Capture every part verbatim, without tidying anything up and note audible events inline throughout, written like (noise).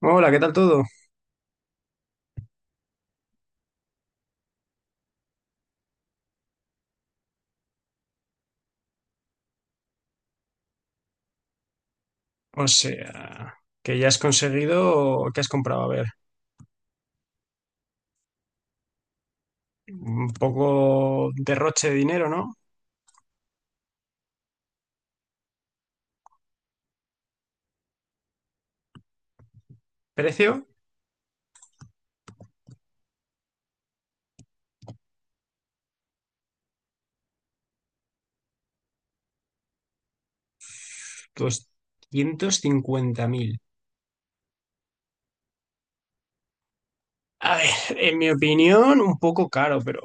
Hola, ¿qué tal todo? O sea, que ya has conseguido, ¿qué has comprado? A ver, un poco derroche de dinero, ¿no? ¿Precio? Doscientos cincuenta mil. A ver, en mi opinión, un poco caro, pero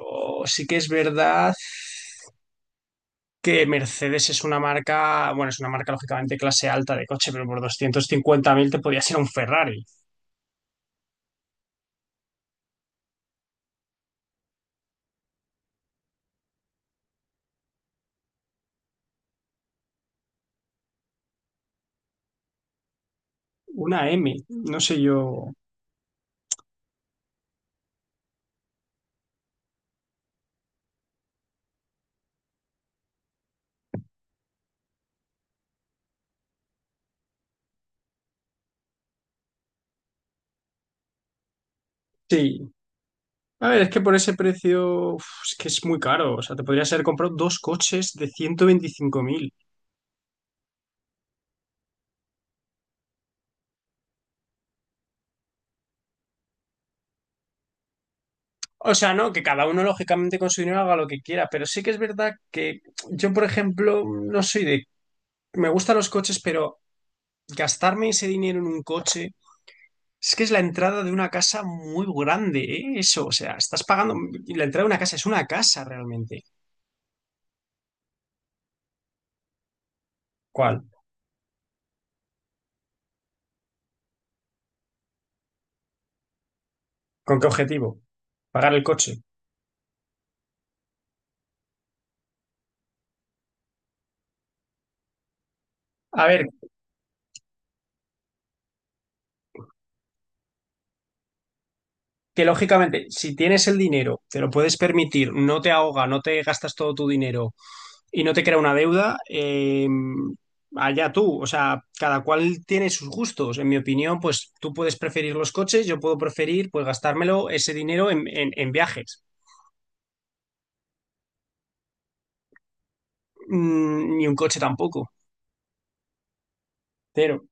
sí que es verdad que Mercedes es una marca, bueno, es una marca lógicamente clase alta de coche, pero por doscientos cincuenta mil te podía ser un Ferrari, una M, no sé yo. Sí. A ver, es que por ese precio, uf, es que es muy caro. O sea, te podrías haber comprado dos coches de ciento veinticinco mil. O sea, no, que cada uno lógicamente con su dinero haga lo que quiera, pero sí que es verdad que yo, por ejemplo, no soy de... Me gustan los coches, pero gastarme ese dinero en un coche es que es la entrada de una casa muy grande, ¿eh? Eso, o sea, estás pagando... La entrada de una casa es una casa realmente. ¿Cuál? ¿Con qué objetivo? Pagar el coche. A ver, que lógicamente, si tienes el dinero, te lo puedes permitir, no te ahoga, no te gastas todo tu dinero y no te crea una deuda, eh, allá tú. O sea, cada cual tiene sus gustos. En mi opinión, pues tú puedes preferir los coches, yo puedo preferir pues gastármelo ese dinero en, en- en viajes. Mm, ni un coche tampoco, pero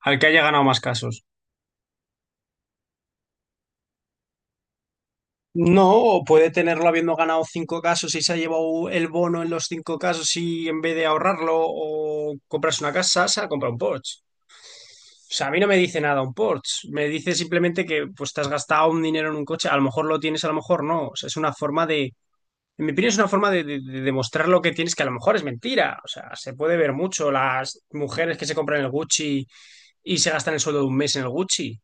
al que haya ganado más casos. No, o puede tenerlo habiendo ganado cinco casos y se ha llevado el bono en los cinco casos y en vez de ahorrarlo o comprarse una casa, se ha comprado un Porsche. O sea, a mí no me dice nada un Porsche, me dice simplemente que pues te has gastado un dinero en un coche, a lo mejor lo tienes, a lo mejor no, o sea, es una forma de, en mi opinión es una forma de, de- de demostrar lo que tienes, que a lo mejor es mentira, o sea, se puede ver mucho las mujeres que se compran el Gucci y se gastan el sueldo de un mes en el Gucci.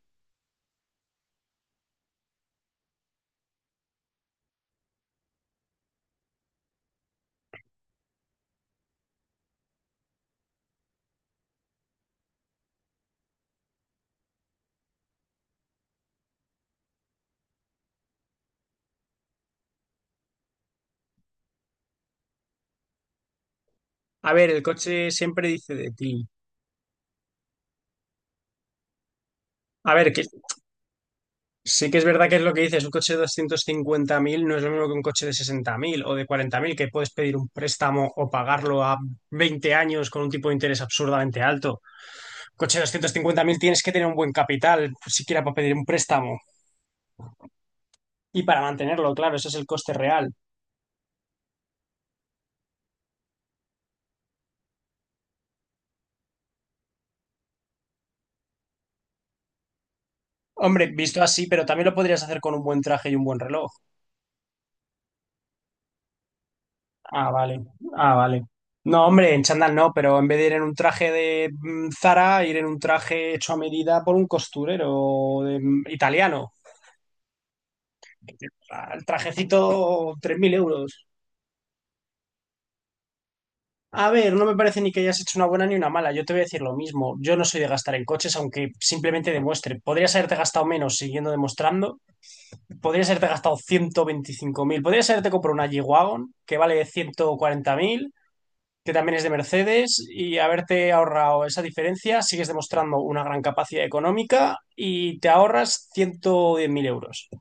A ver, el coche siempre dice de ti. A ver, que sí que es verdad que es lo que dices, un coche de doscientos cincuenta mil no es lo mismo que un coche de sesenta mil o de cuarenta mil que puedes pedir un préstamo o pagarlo a veinte años con un tipo de interés absurdamente alto. Coche de doscientos cincuenta mil tienes que tener un buen capital, siquiera para pedir un préstamo y para mantenerlo, claro, ese es el coste real. Hombre, visto así, pero también lo podrías hacer con un buen traje y un buen reloj. Ah, vale. Ah, vale. No, hombre, en chándal no, pero en vez de ir en un traje de mm, Zara, ir en un traje hecho a medida por un costurero de- mm, italiano. O sea, el trajecito, tres mil euros. A ver, no me parece ni que hayas hecho una buena ni una mala. Yo te voy a decir lo mismo. Yo no soy de gastar en coches, aunque simplemente demuestre. Podrías haberte gastado menos siguiendo demostrando. Podrías haberte gastado ciento veinticinco mil. Podrías haberte comprado una G-Wagon que vale ciento cuarenta mil, que también es de Mercedes, y haberte ahorrado esa diferencia, sigues demostrando una gran capacidad económica y te ahorras 110.000 mil euros. O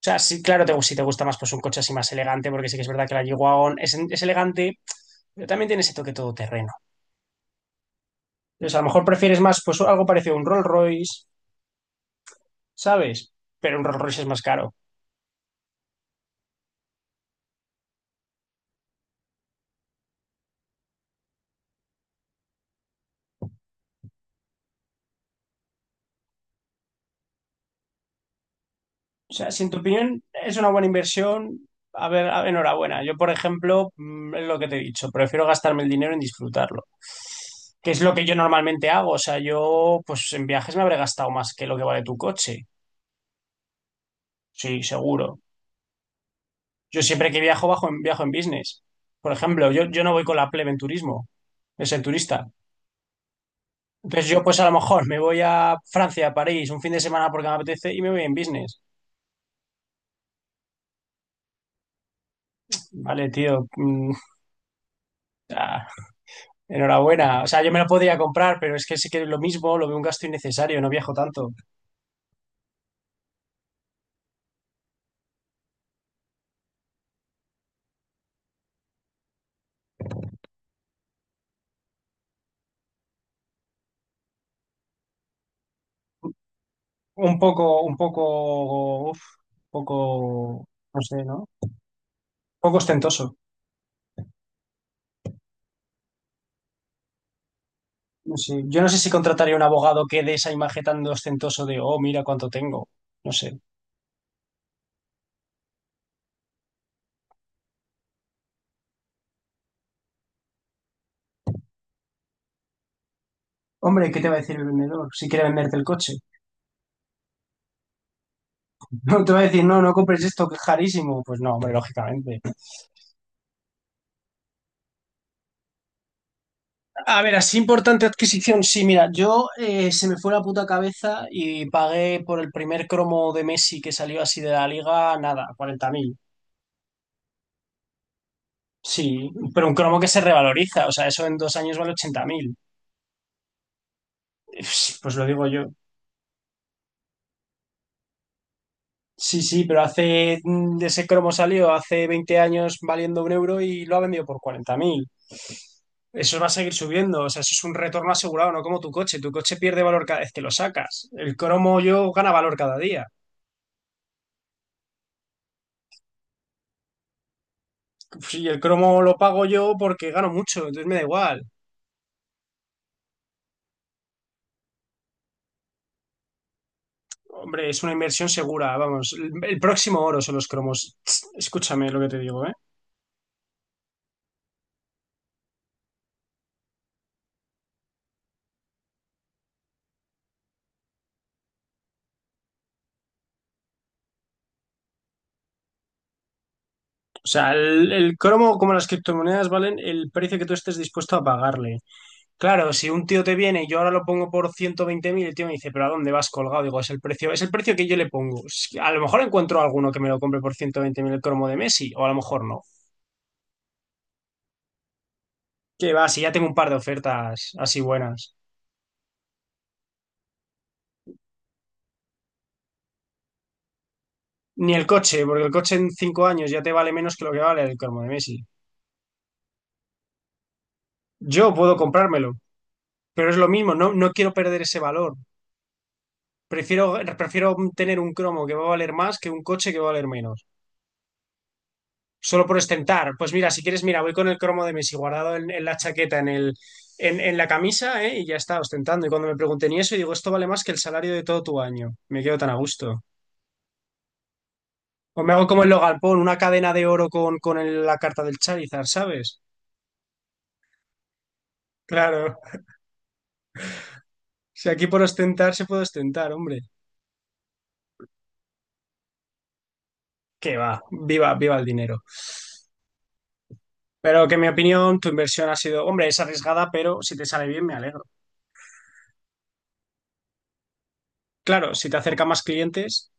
sea, sí, claro, te, si te gusta más pues un coche así más elegante, porque sí que es verdad que la Jaguar es, es elegante, pero también tiene ese toque todoterreno. Entonces, a lo mejor prefieres más pues algo parecido a un Rolls Royce, ¿sabes? Pero un Rolls Royce es más caro. O sea, si en tu opinión es una buena inversión, a ver, a- enhorabuena. Yo, por ejemplo, mm, es lo que te he dicho, prefiero gastarme el dinero en disfrutarlo, que es lo que yo normalmente hago. O sea, yo, pues en viajes me habré gastado más que lo que vale tu coche. Sí, seguro. Yo siempre que viajo, bajo en, viajo en business. Por ejemplo, yo, yo no voy con la plebe en turismo, de ser turista. Entonces yo, pues a lo mejor me voy a Francia, a París, un fin de semana porque me apetece y me voy en business. Vale, tío. mm, Enhorabuena. O sea, yo me lo podría comprar, pero es que sí que es lo mismo, lo veo un gasto innecesario, no viajo tanto. Un poco, un poco, uf, un poco, no sé, ¿no? Un poco ostentoso. No sé. Yo no sé si contrataría un abogado que dé esa imagen tan de ostentoso de, oh, mira cuánto tengo. No sé. Hombre, ¿qué te va a decir el vendedor si quiere venderte el coche? (laughs) No te va a decir, no, no compres esto, que es carísimo. Pues no, hombre, lógicamente. A ver, así importante adquisición. Sí, mira, yo eh, se me fue la puta cabeza y pagué por el primer cromo de Messi que salió así de la liga, nada, cuarenta mil. Sí, pero un cromo que se revaloriza, o sea, eso en dos años vale ochenta mil. Pues pues lo digo yo. Sí, sí, pero hace, mm, ese cromo salió hace veinte años valiendo un euro y lo ha vendido por cuarenta mil. Eso va a seguir subiendo, o sea, eso es un retorno asegurado, no como tu coche. Tu coche pierde valor cada vez que lo sacas. El cromo yo gana valor cada día. Sí, el cromo lo pago yo porque gano mucho, entonces me da igual. Hombre, es una inversión segura, vamos. El, el próximo oro son los cromos. Tss, Escúchame lo que te digo, ¿eh? O sea, el, el cromo, como las criptomonedas, valen el precio que tú estés dispuesto a pagarle. Claro, si un tío te viene y yo ahora lo pongo por ciento veinte mil, el tío me dice, pero ¿a dónde vas colgado? Digo, es el precio, es el precio que yo le pongo. Si- A lo mejor encuentro alguno que me lo compre por ciento veinte mil el cromo de Messi, o a lo mejor no. Que va, si ya tengo un par de ofertas así buenas. Ni el coche, porque el coche en cinco años ya te vale menos que lo que vale el cromo de Messi. Yo puedo comprármelo, pero es lo mismo, no, no quiero perder ese valor. Prefiero, prefiero tener un cromo que va a valer más que un coche que va a valer menos. Solo por ostentar. Pues mira, si quieres, mira, voy con el cromo de Messi guardado en, en la chaqueta, en el, en, en la camisa, ¿eh? Y ya está, ostentando. Y cuando me pregunten y eso, y digo, esto vale más que el salario de todo tu año. Me quedo tan a gusto. O me hago como el Logan Paul, una cadena de oro con, con el- la carta del Charizard, ¿sabes? Claro. Si aquí por ostentar se puede ostentar, hombre. Que va, viva, viva el dinero. Pero que en mi opinión, tu inversión ha sido, hombre, es arriesgada, pero si te sale bien, me alegro. Claro, si te acerca más clientes,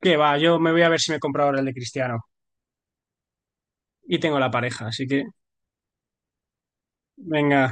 que va, yo me voy a ver si me compro ahora el de Cristiano. Y tengo la pareja, así que venga.